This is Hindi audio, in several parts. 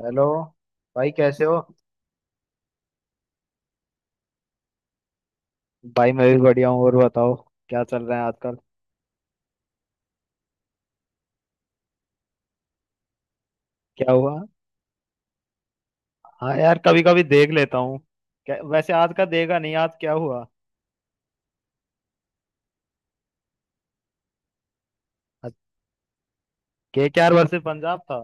हेलो। भाई कैसे हो? भाई मैं भी बढ़िया हूँ। और बताओ, क्या चल रहा है आजकल? क्या हुआ? हाँ यार, कभी कभी देख लेता हूँ। वैसे आज का देगा नहीं, आज क्या हुआ? के आर वर्सेस पंजाब था?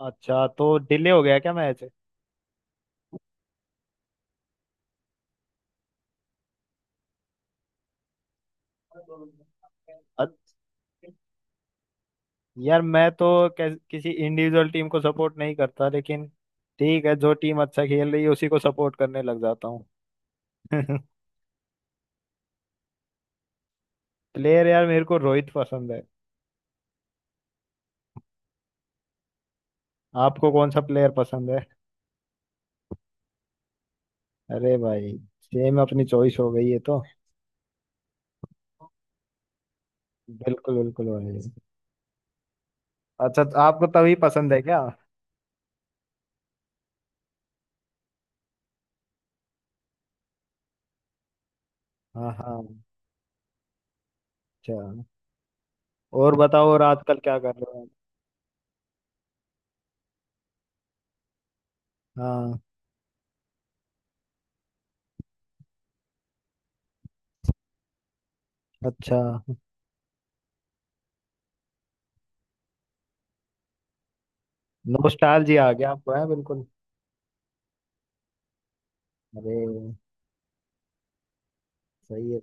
अच्छा, तो डिले हो गया क्या मैच? अ- यार मैं तो किसी इंडिविजुअल टीम को सपोर्ट नहीं करता, लेकिन ठीक है, जो टीम अच्छा खेल रही है उसी को सपोर्ट करने लग जाता हूँ। प्लेयर यार, मेरे को रोहित पसंद है। आपको कौन सा प्लेयर पसंद है? अरे भाई, सेम अपनी चॉइस हो गई है तो। बिल्कुल बिल्कुल भाई। अच्छा, तो आपको तभी पसंद है क्या? हाँ हाँ। अच्छा। और बताओ, और आजकल क्या कर रहे हो आप? हाँ। अच्छा। नॉस्टैल्जिया आ गया आपको, है बिल्कुल। अरे सही है।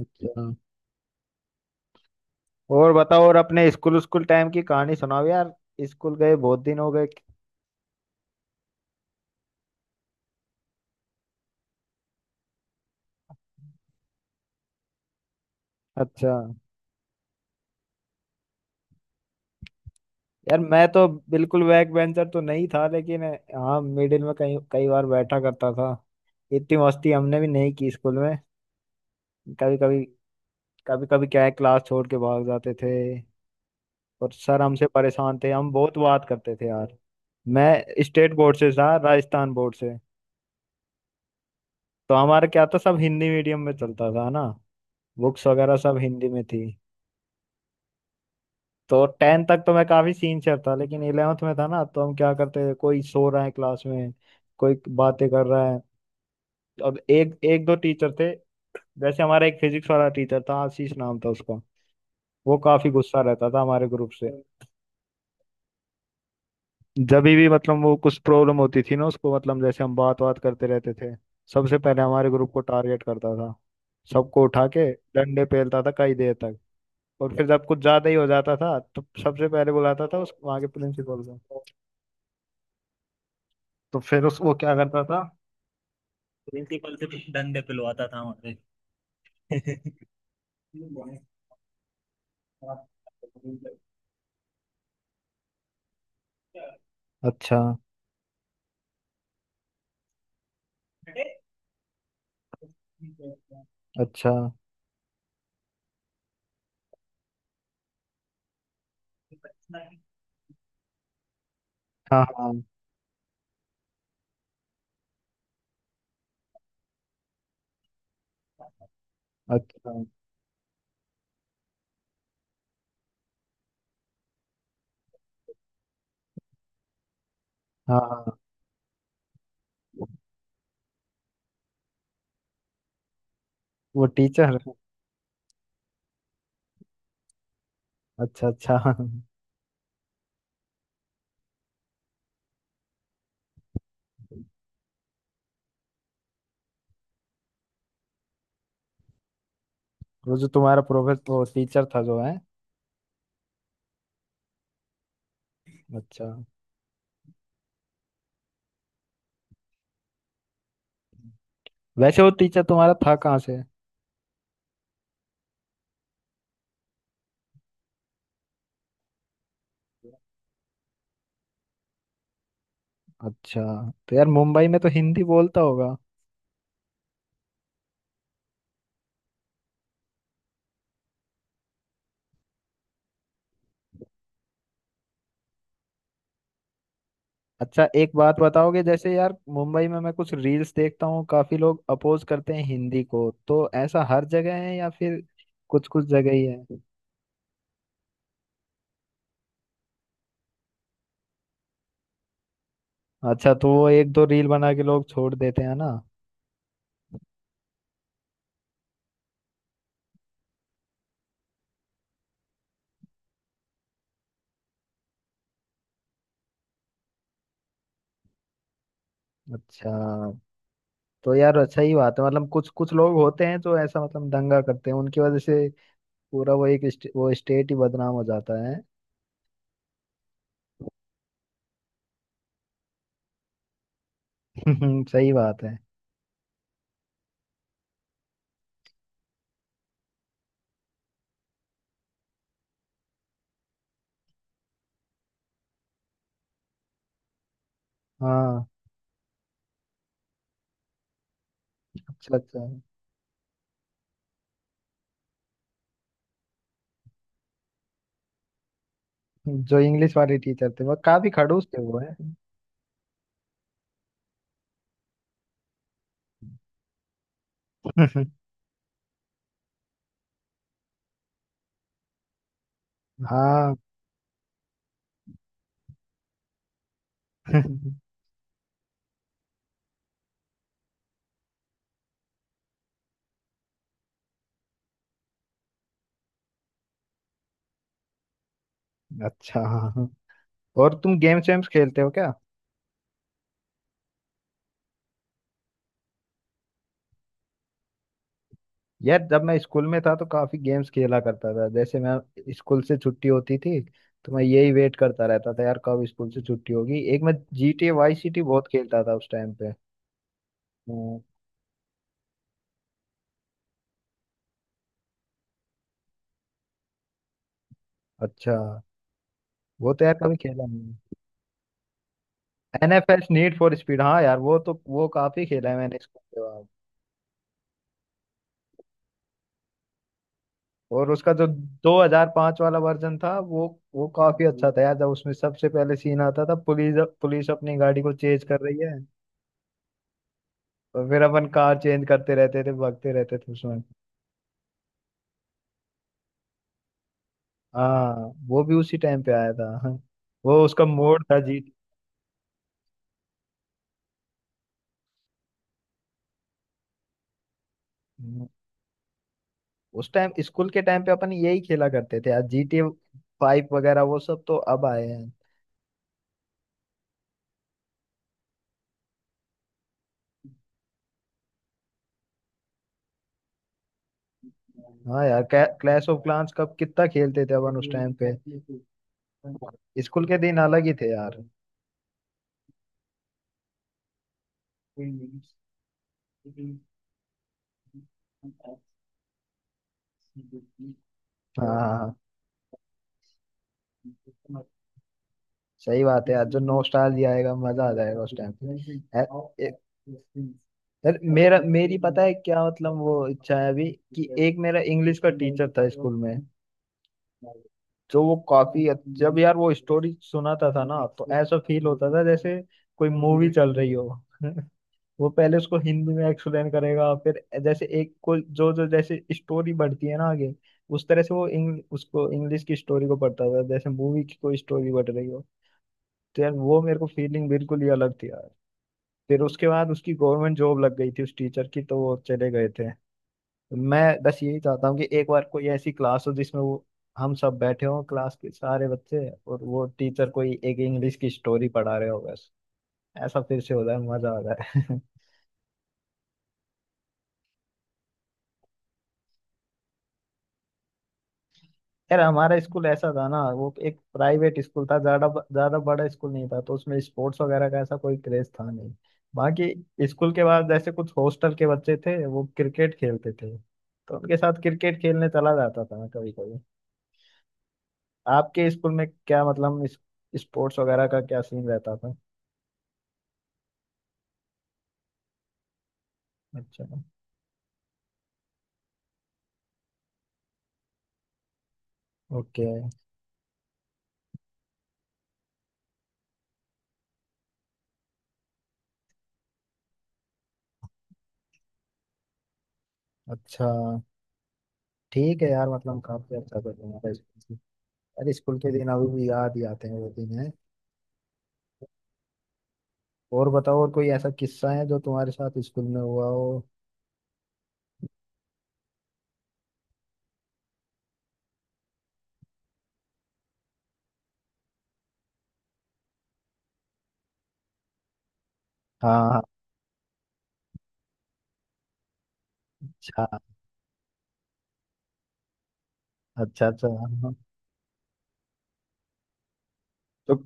अच्छा। और बताओ, और अपने स्कूल स्कूल टाइम की कहानी सुनाओ यार। स्कूल गए बहुत दिन हो गए। अच्छा। यार मैं तो बिल्कुल बैक बेंचर तो नहीं था, लेकिन हाँ, मिडिल में कई कई बार बैठा करता था। इतनी मस्ती हमने भी नहीं की स्कूल में। कभी कभी। कभी कभी क्या है, क्लास छोड़ के भाग जाते थे। और सर हमसे परेशान थे, हम बहुत बात करते थे यार। मैं स्टेट बोर्ड से था, राजस्थान बोर्ड से। तो हमारा क्या था, सब हिंदी मीडियम में चलता था ना, बुक्स वगैरह सब हिंदी में थी। तो टेंथ तक तो मैं काफी सीनियर था, लेकिन इलेवेंथ में था ना, तो हम क्या करते थे, कोई सो रहा है क्लास में, कोई बातें कर रहा है, और एक एक दो टीचर थे। जैसे हमारा एक फिजिक्स वाला टीचर था, आशीष नाम था उसका। वो काफी गुस्सा रहता था हमारे ग्रुप से। जब भी मतलब वो कुछ प्रॉब्लम होती थी ना उसको, मतलब जैसे हम बात बात करते रहते थे, सबसे पहले हमारे ग्रुप को टारगेट करता था। सबको उठा के डंडे पेलता था कई देर तक। और फिर जब कुछ ज्यादा ही हो जाता था तो सबसे पहले बुलाता था उस वहाँ के प्रिंसिपल को। तो फिर उस वो क्या करता था, प्रिंसिपल से डंडे पिलवाता था हमारे। अच्छा अच्छा। हाँ हाँ। अच्छा। हाँ हाँ, वो टीचर। अच्छा अच्छा। वो जो तुम्हारा प्रोफेसर, वो टीचर था जो है? अच्छा। वैसे वो टीचर तुम्हारा था कहाँ से? अच्छा, तो यार मुंबई में तो हिंदी बोलता होगा। अच्छा, एक बात बताओगे, जैसे यार मुंबई में मैं कुछ रील्स देखता हूँ, काफी लोग अपोज करते हैं हिंदी को, तो ऐसा हर जगह है या फिर कुछ कुछ जगह ही है? अच्छा, तो वो एक दो रील बना के लोग छोड़ देते हैं ना। अच्छा, तो यार अच्छा ही बात है, मतलब कुछ कुछ लोग होते हैं जो ऐसा मतलब दंगा करते हैं, उनकी वजह से पूरा वो एक वो स्टेट ही बदनाम हो जाता है। सही बात है। हाँ। अच्छा अच्छा। जो इंग्लिश वाले टीचर थे वो काफी खड़ूस थे, वो है? हाँ। अच्छा। हाँ हाँ। और तुम गेम्स वेम्स खेलते हो क्या? यार जब मैं स्कूल में था तो काफी गेम्स खेला करता था। जैसे मैं स्कूल से छुट्टी होती थी, तो मैं यही वेट करता रहता था यार, कब स्कूल से छुट्टी होगी। एक मैं G T A vice city बहुत खेलता था उस टाइम पे। हम्म, अच्छा। वो तो यार कभी खेला नहीं। N F S need for speed, हाँ यार वो तो वो काफी खेला है मैंने इसको के बाद। और उसका जो 2005 वाला वर्जन था वो काफी अच्छा था यार। जब उसमें सबसे पहले सीन आता था, पुलिस, पुलिस अपनी गाड़ी को चेज कर रही है, और फिर अपन कार चेंज करते रहते थे, भागते रहते थे उसमें। हाँ वो भी उसी टाइम पे आया था। हाँ, वो उसका मोड था जी। उस टाइम स्कूल के टाइम पे अपन यही खेला करते थे यार। जी टी फाइव वगैरह वो सब तो अब आए हैं। हाँ यार, क्लैश ऑफ क्लान्स कब कितना खेलते थे अपन उस टाइम पे। स्कूल के दिन अलग ही थे यार। हाँ हाँ, हाँ। सही बात है यार, जो नॉस्टैल्जिया आएगा मजा आ जाएगा उस टाइम पे। ए- ए- यार मेरा मेरी पता है क्या मतलब, वो इच्छा है अभी कि एक मेरा इंग्लिश का टीचर था स्कूल में, जो वो जब यार वो स्टोरी सुनाता था ना, तो ऐसा फील होता था जैसे कोई मूवी चल रही हो। वो पहले उसको हिंदी में एक्सप्लेन करेगा, फिर जैसे एक को जो जो जैसे स्टोरी बढ़ती है ना आगे, उस तरह से वो उसको इंग्लिश की स्टोरी को पढ़ता था जैसे मूवी की कोई स्टोरी बढ़ रही हो। तो यार वो मेरे को फीलिंग बिल्कुल ही अलग थी यार। फिर उसके बाद उसकी गवर्नमेंट जॉब लग गई थी उस टीचर की, तो वो चले गए थे। मैं बस यही चाहता हूँ कि एक बार कोई ऐसी क्लास हो जिसमें वो, हम सब बैठे हों क्लास के सारे बच्चे, और वो टीचर कोई एक इंग्लिश की स्टोरी पढ़ा रहे हो, बस ऐसा फिर से हो जाए, मजा आ जाए। यार हमारा स्कूल ऐसा था ना, वो एक प्राइवेट स्कूल था, ज्यादा ज्यादा बड़ा स्कूल नहीं था, तो उसमें स्पोर्ट्स वगैरह का ऐसा कोई क्रेज था नहीं। बाकी स्कूल के बाद जैसे कुछ हॉस्टल के बच्चे थे वो क्रिकेट खेलते थे, तो उनके साथ क्रिकेट खेलने चला जाता था मैं कभी कभी। आपके स्कूल में क्या मतलब स्पोर्ट्स वगैरह का क्या सीन रहता था? अच्छा। ओके। अच्छा। ठीक है यार, मतलब काफी अच्छा था तुम्हारा स्कूल। अरे स्कूल के दिन अभी भी याद ही आते हैं, वो दिन है। और बताओ, और कोई ऐसा किस्सा है जो तुम्हारे साथ स्कूल में हुआ हो? हाँ हाँ। अच्छा अच्छा। अच्छा। हाँ। तो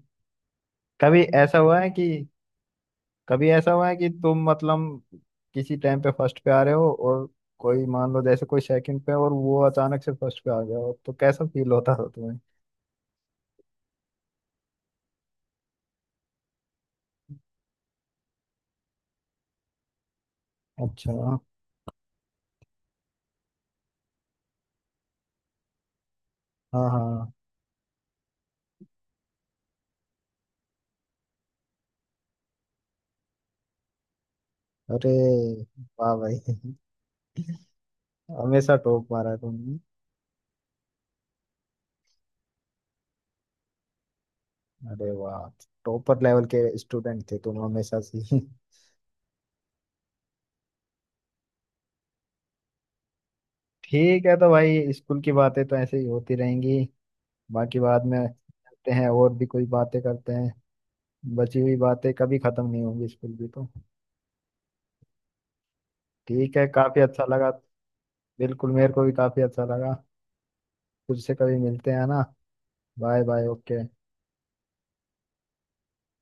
कभी ऐसा हुआ है कि, कभी ऐसा हुआ है कि तुम मतलब किसी टाइम पे फर्स्ट पे आ रहे हो, और कोई मान लो जैसे कोई सेकंड पे है और वो अचानक से फर्स्ट पे आ गया हो, तो कैसा फील होता हो तुम्हें? अच्छा। हाँ हाँ। अरे वाह भाई, हमेशा टॉप मारा तुमने। अरे वाह, टॉपर लेवल के स्टूडेंट थे तुम हमेशा से। ठीक है, तो भाई स्कूल की बातें तो ऐसे ही होती रहेंगी, बाकी बाद में करते हैं, और भी कोई बातें करते हैं। बची हुई बातें कभी खत्म नहीं होंगी स्कूल की तो। ठीक है, काफी अच्छा लगा। बिल्कुल, मेरे को भी काफी अच्छा लगा। तुझसे कभी मिलते हैं ना। Bye bye, okay.